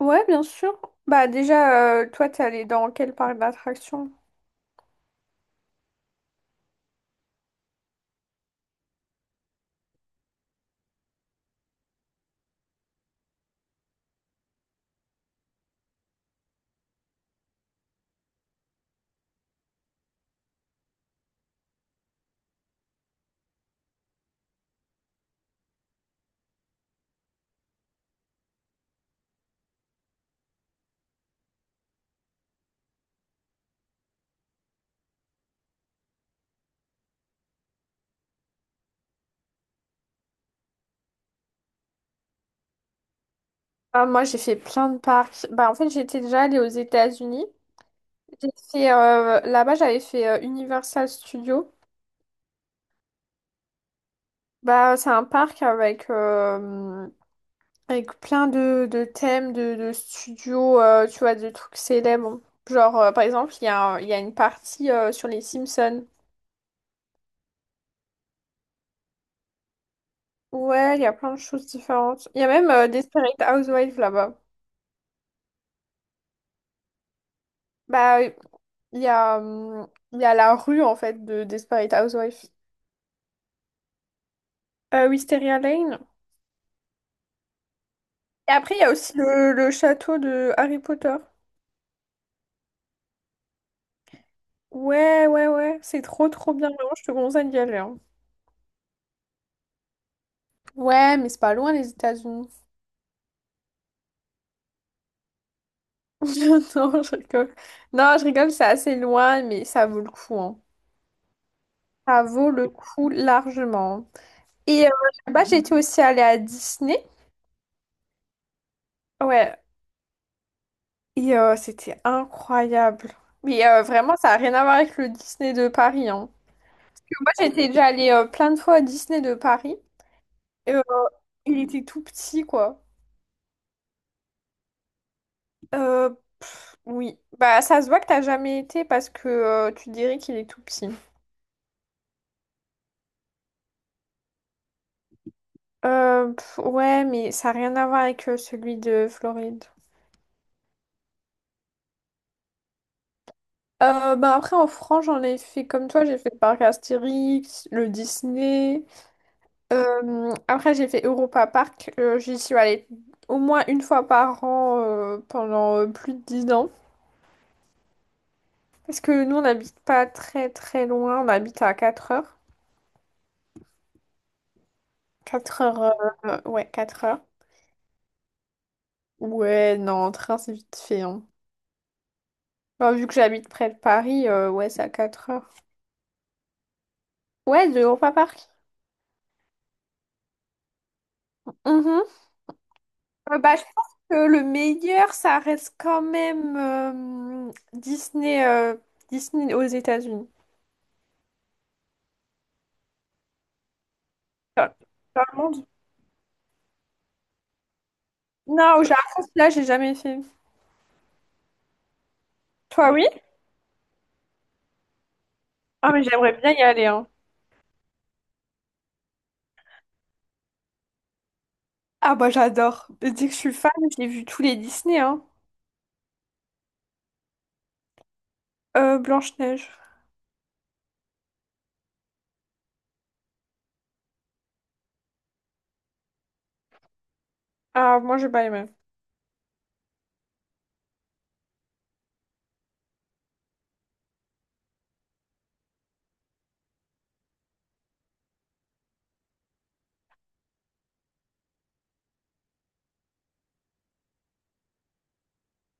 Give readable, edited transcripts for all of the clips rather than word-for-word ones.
Ouais, bien sûr. Bah déjà, toi, t'es allée dans quel parc d'attractions? Ah, moi, j'ai fait plein de parcs. Bah, en fait, j'étais déjà allée aux États-Unis. J'ai fait, là-bas, j'avais fait Universal Studios. Bah, c'est un parc avec plein de thèmes, de studios, tu vois, de trucs célèbres. Genre, par exemple, il y a une partie sur les Simpsons. Ouais, il y a plein de choses différentes. Il y a même Desperate Housewives là-bas. Bah, Il y a, hum, il y a la rue, en fait, de Desperate Housewives. Wisteria Lane. Et après, il y a aussi le château de Harry Potter. Ouais, ouais, ouais. C'est trop, trop bien. Vraiment, je te conseille d'y aller, hein. Ouais, mais c'est pas loin, les États-Unis. Non, je rigole. Non, je rigole, c'est assez loin, mais ça vaut le coup, hein. Ça vaut le coup largement. Et là-bas, j'étais aussi allée à Disney. Ouais. Et c'était incroyable. Mais vraiment, ça n'a rien à voir avec le Disney de Paris, hein. Moi, j'étais déjà allée plein de fois à Disney de Paris. Et, il était tout petit, quoi. Euh, oui. Bah, ça se voit que t'as jamais été parce que tu dirais qu'il est tout petit. Ouais, mais ça n'a rien à voir avec celui de Floride. Bah après, en France, j'en ai fait comme toi. J'ai fait le parc Astérix, le Disney. Après, j'ai fait Europa Park. J'y suis allée au moins une fois par an, pendant plus de 10 ans. Parce que nous, on n'habite pas très très loin, on habite à 4 heures. 4 heures, ouais, 4 heures. Ouais, non, en train, c'est vite fait, hein. Bah, vu que j'habite près de Paris, ouais, c'est à 4 heures. Ouais, de Europa Park. Mhm. Bah, je pense que le meilleur, ça reste quand même Disney aux États-Unis. Dans dans le monde. Non, au Japon, là, j'ai jamais fait. Toi, oui? Ah, mais j'aimerais bien y aller, hein. Ah, bah, j'adore. Dès que je suis fan, j'ai vu tous les Disney, hein. Blanche-Neige. Ah, moi, j'ai pas aimé.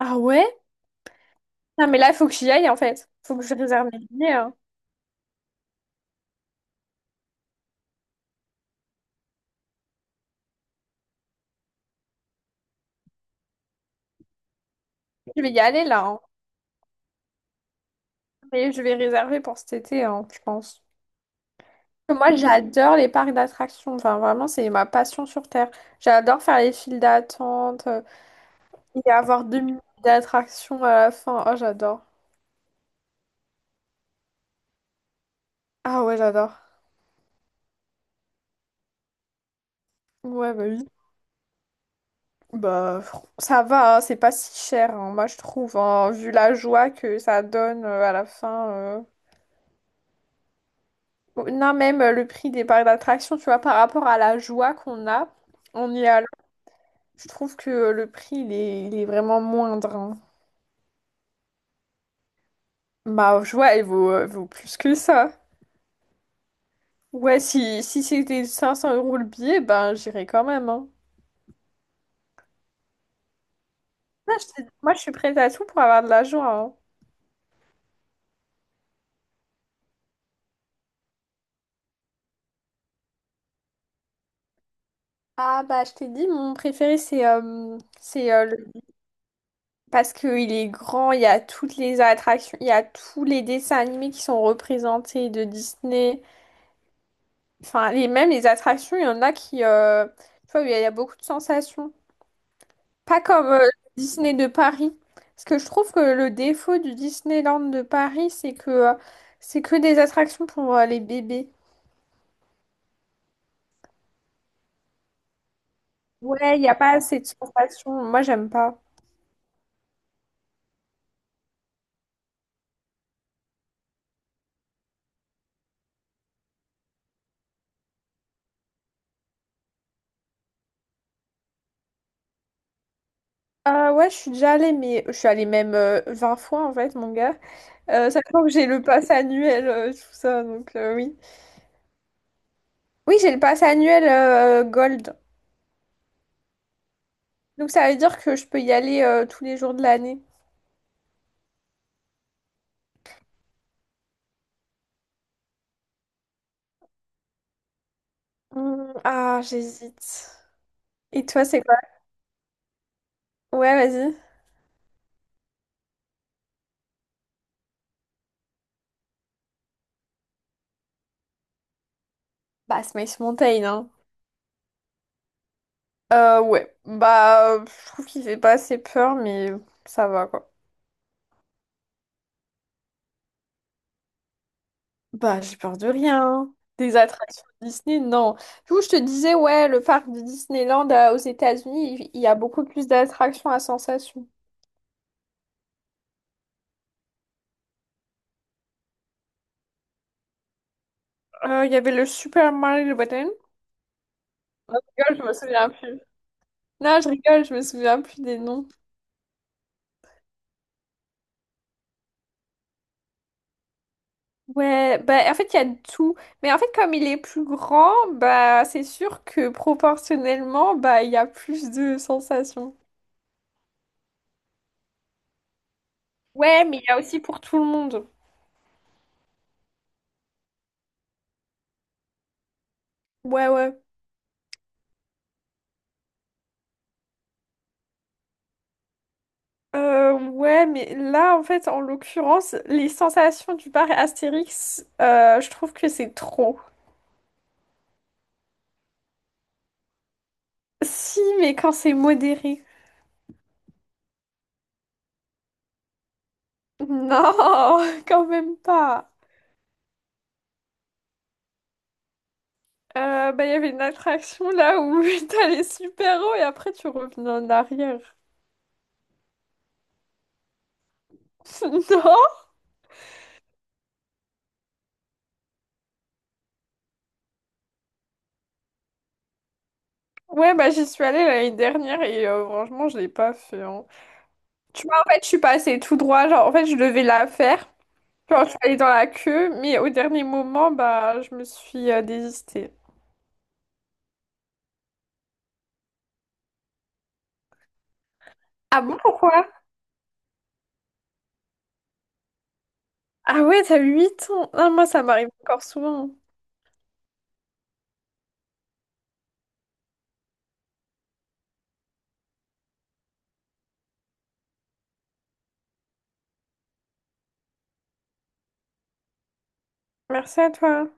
Ah ouais? Non, mais là, il faut que j'y aille, en fait. Faut que je réserve mes billets, hein. Je vais y aller, là, hein. Mais je vais réserver pour cet été, hein, je pense. Parce que moi, j'adore les parcs d'attractions. Enfin, vraiment, c'est ma passion sur Terre. J'adore faire les files d'attente, et avoir 2 minutes d'attraction à la fin. Oh, j'adore. Ah ouais, j'adore. Ouais, bah oui. Bah, ça va, hein, c'est pas si cher, hein, moi, je trouve, hein, vu la joie que ça donne à la fin. Non, même le prix des parcs d'attraction, tu vois, par rapport à la joie qu'on a en y allant, je trouve que le prix, il est vraiment moindre, hein. Ma joie, elle vaut plus que ça. Ouais, si c'était 500 euros le billet, ben j'irais quand même, hein. Moi, je suis prête à tout pour avoir de la joie, hein. Ah, bah, je t'ai dit, mon préféré, c'est parce qu'il est grand, il y a toutes les attractions, il y a tous les dessins animés qui sont représentés de Disney. Enfin, même les attractions, il y en a qui, tu vois, il y a beaucoup de sensations. Pas comme Disney de Paris. Parce que je trouve que le défaut du Disneyland de Paris, c'est que des attractions pour les bébés. Ouais, il n'y a pas assez de sensations. Moi, j'aime pas. Ouais, je suis déjà allée, mais je suis allée même 20 fois en fait, mon gars. Sachant que j'ai le pass annuel, tout ça, donc oui. Oui, j'ai le pass annuel Gold. Donc ça veut dire que je peux y aller tous les jours de l'année. Hmm, ah, j'hésite. Et toi, c'est quoi? Ouais, vas-y. Bah, Smash Mountain, hein. Ouais. Bah, je trouve qu'il fait pas assez peur, mais ça va, quoi. Bah, j'ai peur de rien, hein. Des attractions Disney, non. Du coup, je te disais, ouais, le parc de Disneyland, aux États-Unis, il y a beaucoup plus d'attractions à sensation. Il y avait le Super Mario Button. Non, je rigole, je me souviens plus. Non, je rigole, je me souviens plus des noms. Ouais, bah en fait, il y a de tout. Mais en fait, comme il est plus grand, bah c'est sûr que proportionnellement, bah il y a plus de sensations. Ouais, mais il y a aussi pour tout le monde. Ouais, ouais. Ouais, mais là, en fait, en l'occurrence, les sensations du bar Astérix, je trouve que c'est trop. Si, mais quand c'est modéré. Non, quand même pas. Bah, il y avait une attraction là où t'allais super haut et après tu revenais en arrière. Non. Ouais, bah j'y suis allée l'année dernière et franchement, je l'ai pas fait, hein. Tu vois, en fait, je suis passée tout droit. Genre, en fait, je devais la faire. Genre, je suis allée dans la queue, mais au dernier moment, bah, je me suis désistée. Ah bon, pourquoi? Ah ouais, t'as 8 ans. Ah, moi, ça m'arrive encore souvent. Merci à toi.